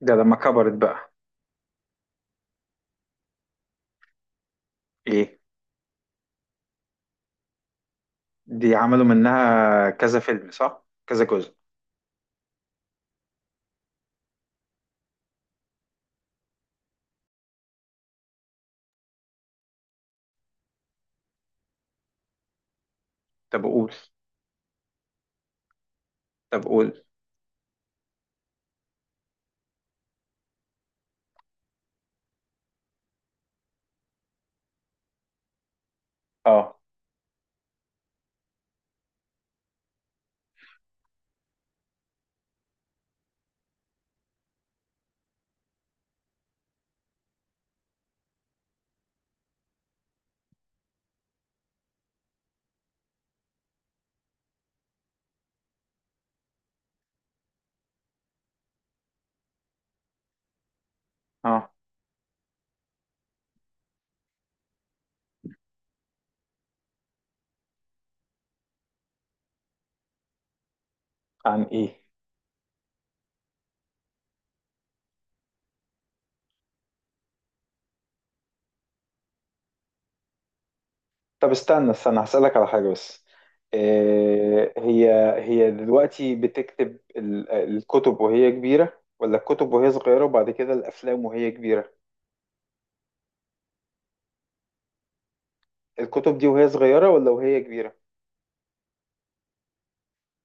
ده لما كبرت بقى ايه؟ دي عملوا منها كذا فيلم صح، كذا جزء؟ طب قول. طب قول. اه اه. عن ايه؟ طب استنى استنى، هسألك على حاجة بس. إيه هي؟ هي دلوقتي بتكتب الكتب وهي كبيرة ولا الكتب وهي صغيرة وبعد كده الأفلام وهي كبيرة؟ الكتب دي وهي صغيرة ولا وهي كبيرة؟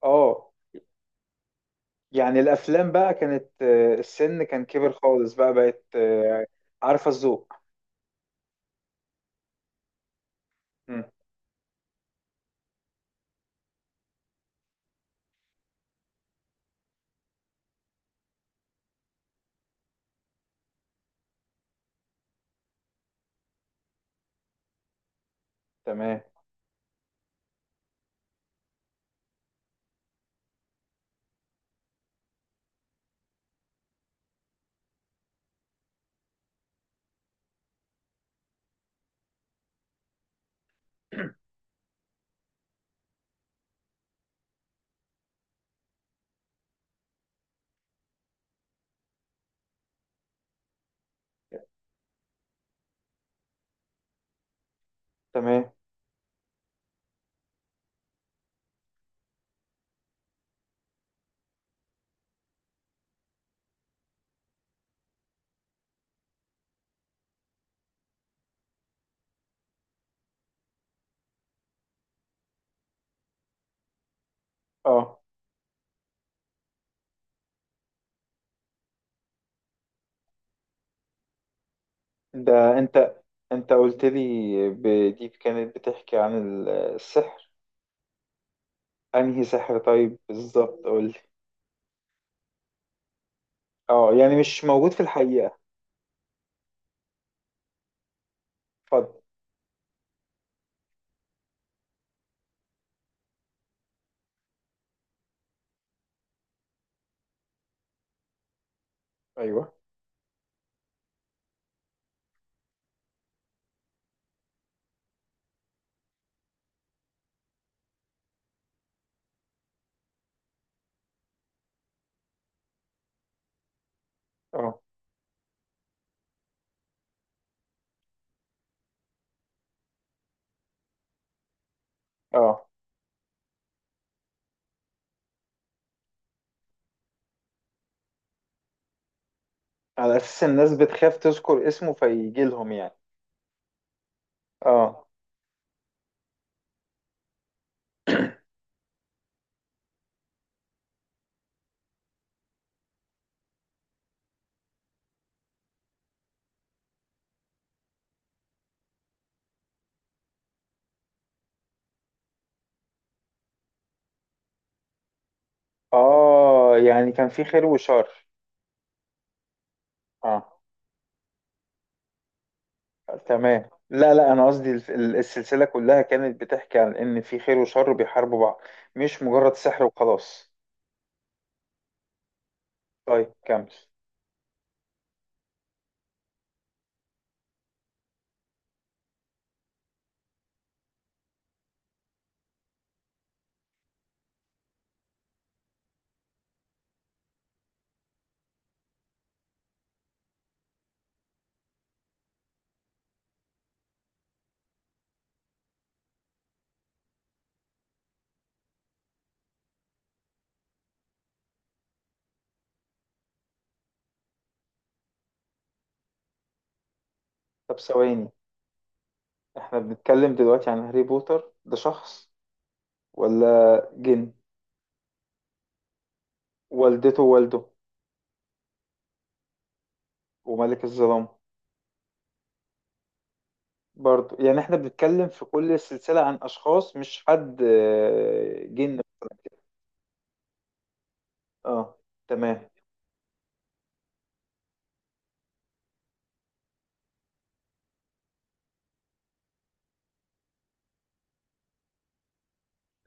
اه. يعني الأفلام بقى كانت السن كان كبر خالص بقى بقت عارفة الذوق. مم، تمام. تمام. اه. ده انت انت قلت لي دي كانت بتحكي عن السحر. انهي سحر طيب بالظبط، قول لي. اه، يعني مش موجود في الحقيقة؟ اتفضل. ايوه. اه اه. على اساس الناس بتخاف تذكر اسمه فيجي لهم يعني. اه اه، يعني كان في خير وشر. اه تمام، لا انا قصدي السلسلة كلها كانت بتحكي عن ان في خير وشر بيحاربوا بعض، مش مجرد سحر وخلاص. طيب كمل. طب ثواني، احنا بنتكلم دلوقتي عن هاري بوتر، ده شخص ولا جن؟ والدته ووالده؟ وملك الظلام؟ برضو يعني احنا بنتكلم في كل السلسلة عن اشخاص، مش حد جن. اه تمام.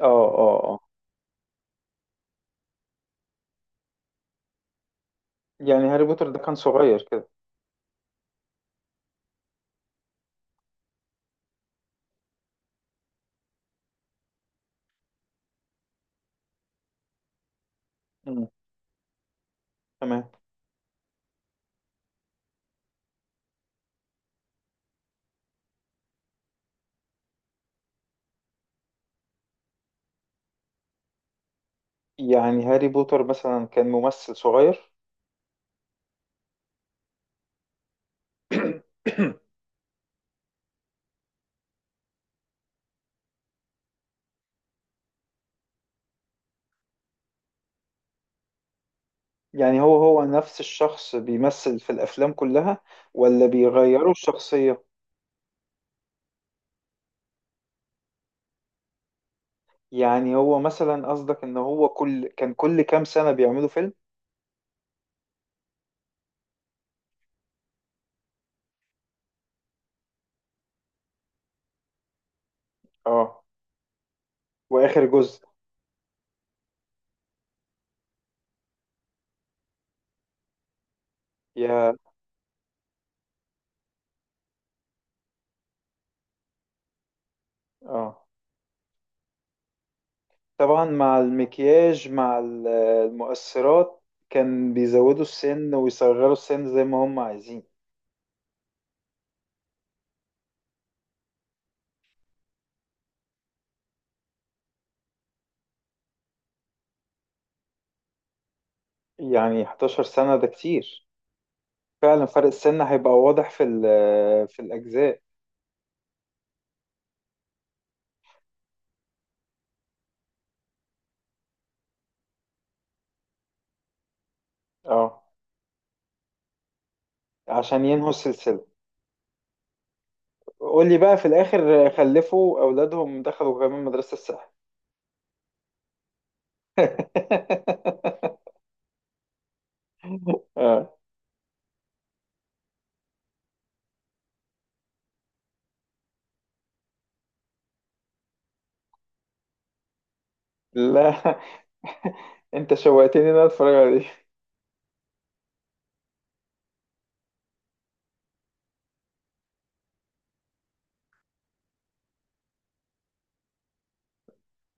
اه اه. اه، يعني هاري بوتر ده كان صغير كده؟ مم، تمام. يعني هاري بوتر مثلا كان ممثل صغير؟ يعني هو هو نفس الشخص بيمثل في الافلام كلها ولا بيغيروا الشخصية؟ يعني هو مثلا قصدك ان هو كل كام سنة بيعملوا فيلم؟ اه. واخر جزء؟ يا. اه طبعا، مع المكياج مع المؤثرات كان بيزودوا السن ويصغروا السن زي ما هم عايزين. يعني 11 سنة ده كتير. فعلا فرق السن هيبقى واضح في في الأجزاء. اه، عشان ينهوا السلسلة. قول لي بقى في الآخر خلفوا أولادهم دخلوا كمان مدرسة السحر؟ اه لا، انت شوقتني ان انا اتفرج عليه.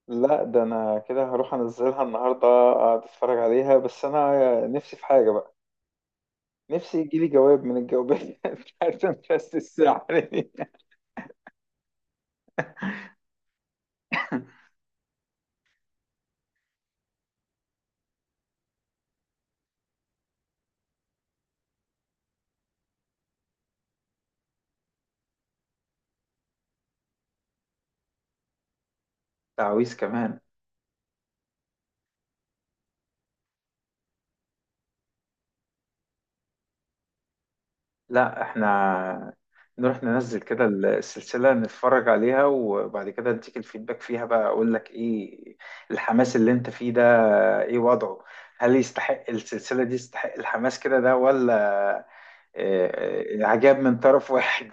لا ده انا كده هروح انزلها النهارده اقعد اتفرج عليها، بس انا نفسي في حاجه بقى. نفسي يجيلي جواب من الجوابات بتاعت مدرسه السحر دي. تعويذ كمان؟ لا احنا نروح ننزل كده السلسله نتفرج عليها وبعد كده اديك الفيدباك فيها بقى، اقول لك ايه الحماس اللي انت فيه ده. ايه وضعه؟ هل يستحق السلسله دي يستحق الحماس كده ده ولا آه، آه، عجاب من طرف واحد.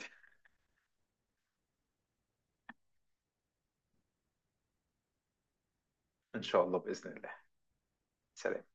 إن شاء الله بإذن الله. سلام.